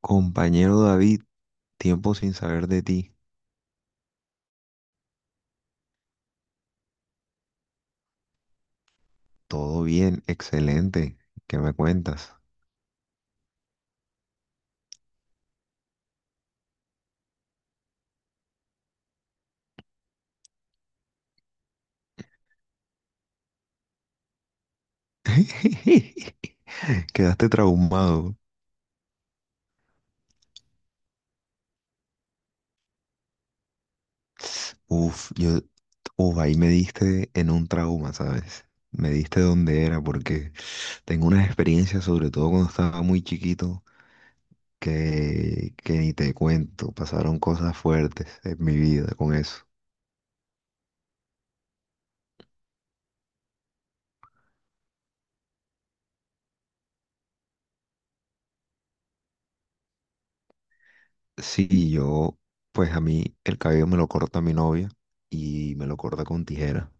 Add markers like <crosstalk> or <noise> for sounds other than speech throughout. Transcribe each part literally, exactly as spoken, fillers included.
Compañero David, tiempo sin saber de ti. Todo bien, excelente. ¿Qué me cuentas? <laughs> Quedaste traumado. Uf, yo, uf, ahí me diste en un trauma, ¿sabes? Me diste donde era, porque tengo unas experiencias, sobre todo cuando estaba muy chiquito, que, que ni te cuento. Pasaron cosas fuertes en mi vida con eso. Sí, yo, pues a mí el cabello me lo corta mi novia y me lo corta con tijera.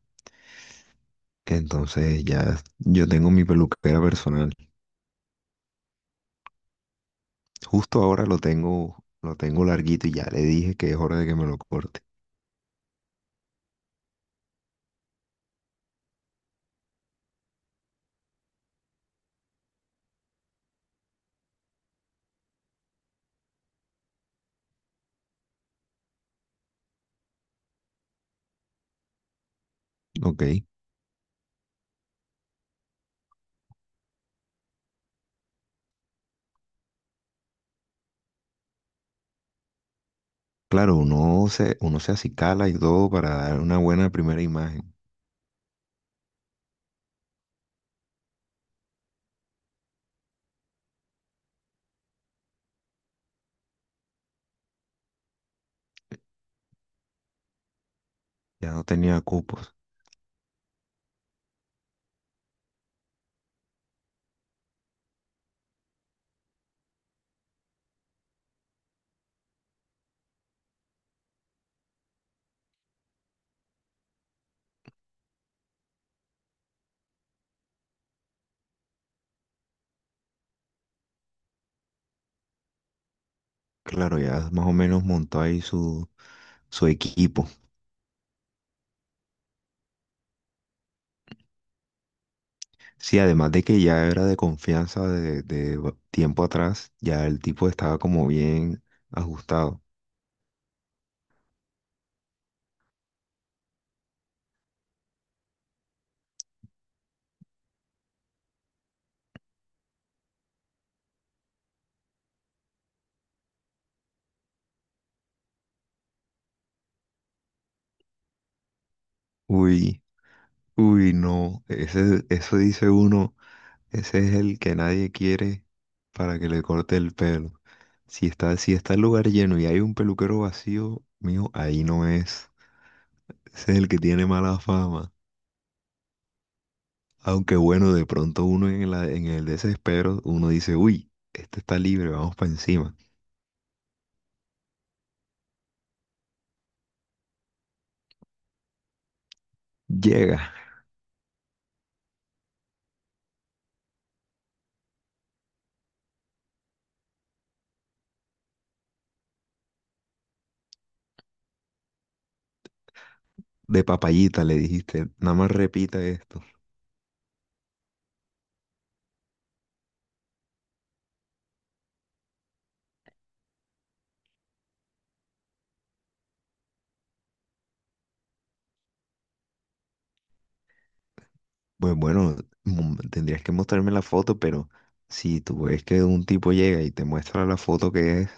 Entonces ya yo tengo mi peluquera personal. Justo ahora lo tengo, lo tengo larguito y ya le dije que es hora de que me lo corte. Ok. Claro, uno se, uno se acicala y todo para dar una buena primera imagen. Ya no tenía cupos. Claro, ya más o menos montó ahí su, su equipo. Sí, además de que ya era de confianza de, de ba- tiempo atrás, ya el tipo estaba como bien ajustado. Uy, uy, no. Ese, eso dice uno. Ese es el que nadie quiere para que le corte el pelo. Si está, si está el lugar lleno y hay un peluquero vacío, mijo ahí no es. Ese es el que tiene mala fama. Aunque bueno, de pronto uno en la- en el desespero, uno dice, uy, este está libre, vamos para encima. Llega, de papayita le dijiste, nada más repita esto. Pues bueno, mm, tendrías que mostrarme la foto, pero si tú ves que un tipo llega y te muestra la foto que es,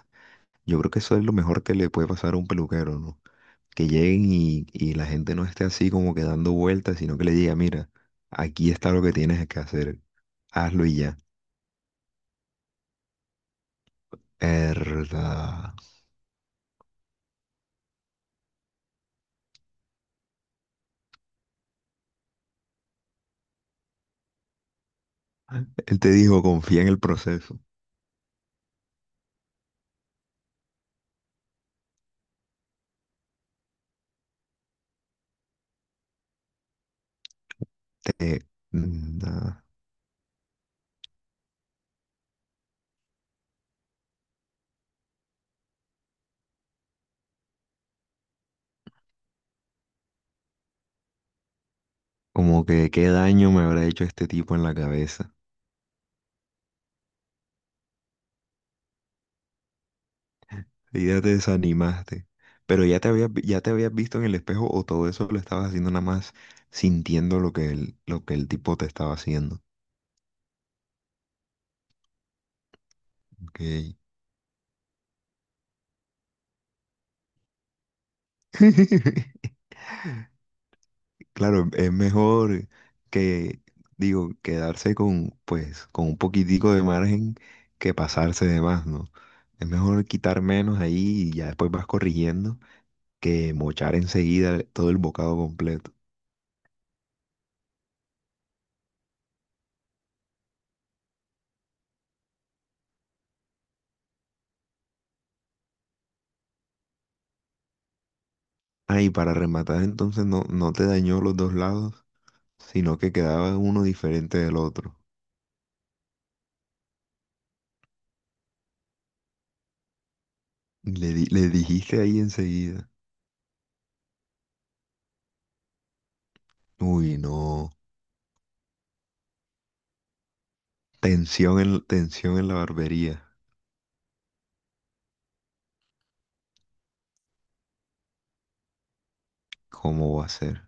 yo creo que eso es lo mejor que le puede pasar a un peluquero, ¿no? Que lleguen y, y la gente no esté así como que dando vueltas, sino que le diga, mira, aquí está lo que tienes que hacer, hazlo y ya. Verdad. Él te dijo, confía en el proceso. Te- mm, ah, Como que qué daño me habrá hecho este tipo en la cabeza. Y ya te desanimaste. Pero ya te habías, vi- ya te habías visto en el espejo o todo eso lo estabas haciendo nada más sintiendo lo que el, lo que el tipo te estaba haciendo. Ok. <laughs> Claro, es mejor que, digo, quedarse con, pues, con un poquitico de margen que pasarse de más, ¿no? Es mejor quitar menos ahí y ya después vas corrigiendo que mochar enseguida todo el bocado completo. Ah, y para rematar entonces no, no te dañó los dos lados, sino que quedaba uno diferente del otro. Le, di- le dijiste ahí enseguida. Uy, no. Tensión en, tensión en la barbería. ¿Cómo va a ser?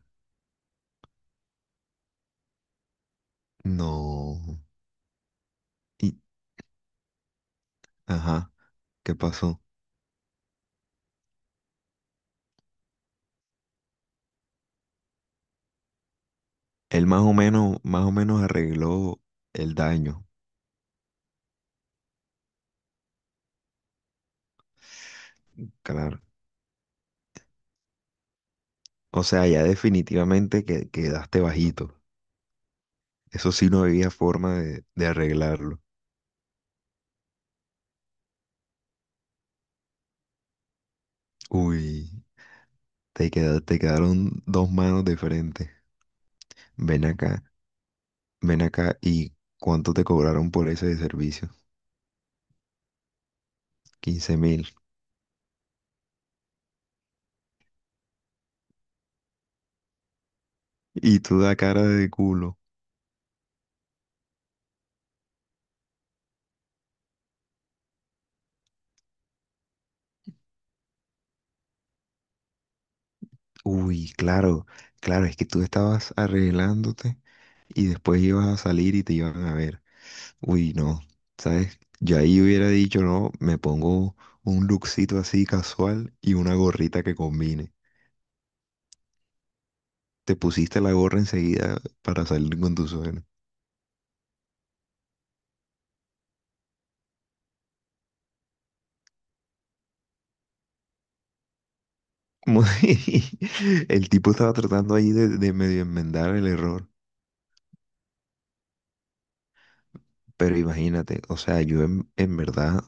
No. Y, ajá. ¿Qué pasó? Él más o menos, más o menos arregló el daño, claro. O sea, ya definitivamente que quedaste bajito. Eso sí no había forma de, de arreglarlo. Uy, te queda- te quedaron dos manos de frente. Ven acá, ven acá. ¿Y cuánto te cobraron por ese de servicio? Quince mil. Y tú da cara de culo. Uy, claro, claro, es que tú estabas arreglándote y después ibas a salir y te iban a ver. Uy, no, ¿sabes? Yo ahí hubiera dicho, no, me pongo un lookcito así casual y una gorrita que combine. Te pusiste la gorra enseguida para salir con tu suena. Como <laughs> el tipo estaba tratando ahí de, de medio enmendar el error, pero imagínate, o sea, yo en, en verdad,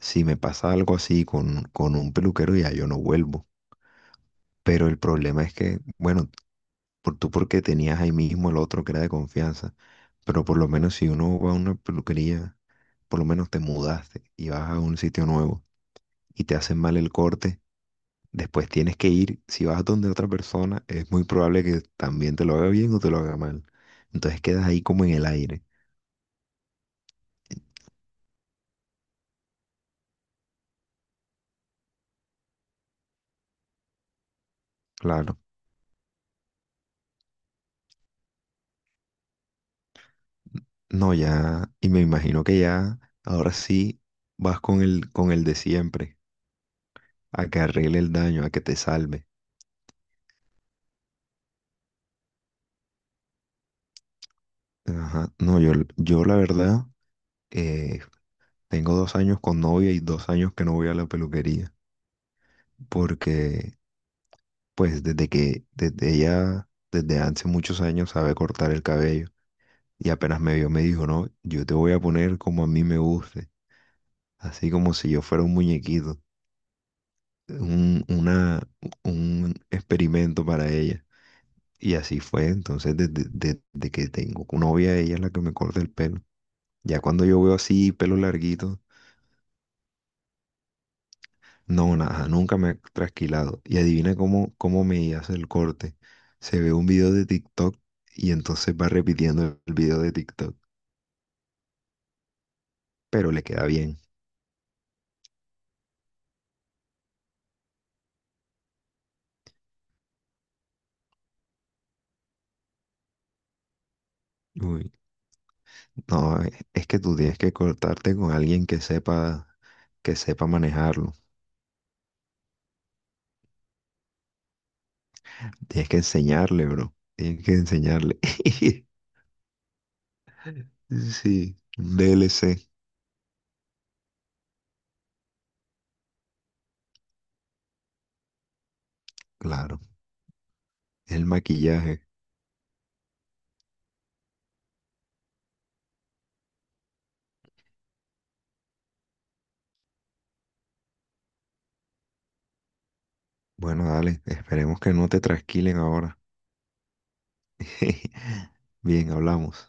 si me pasa algo así con, con un peluquero, ya yo no vuelvo. Pero el problema es que, bueno, por, tú porque tenías ahí mismo el otro que era de confianza, pero por lo menos si uno va a una peluquería por lo menos te mudaste y vas a un sitio nuevo y te hacen mal el corte, después tienes que ir, si vas donde otra persona, es muy probable que también te lo haga bien o te lo haga mal. Entonces quedas ahí como en el aire. Claro. No, ya, y me imagino que ya, ahora sí vas con el, con el de siempre, a que arregle el daño, a que te salve. Ajá. No, yo, yo la verdad, eh, tengo dos años con novia y dos años que no voy a la peluquería, porque pues desde que, desde ella, desde hace muchos años sabe cortar el cabello y apenas me vio me dijo, no, yo te voy a poner como a mí me guste, así como si yo fuera un muñequito, un, una, un experimento para ella. Y así fue, entonces desde, desde que tengo novia, ella es la que me corta el pelo. Ya cuando yo veo así pelo larguito, no, nada, nunca me ha trasquilado. Y adivina cómo, cómo me hace el corte. Se ve un video de TikTok y entonces va repitiendo el video de TikTok, pero le queda bien. Uy. No, e- es que tú tienes que cortarte con alguien que sepa, que sepa manejarlo. Tienes que enseñarle, bro. Tienes que enseñarle. <laughs> Sí, un D L C, claro. El maquillaje. Bueno, dale, esperemos que no te trasquilen ahora. <laughs> Bien, hablamos.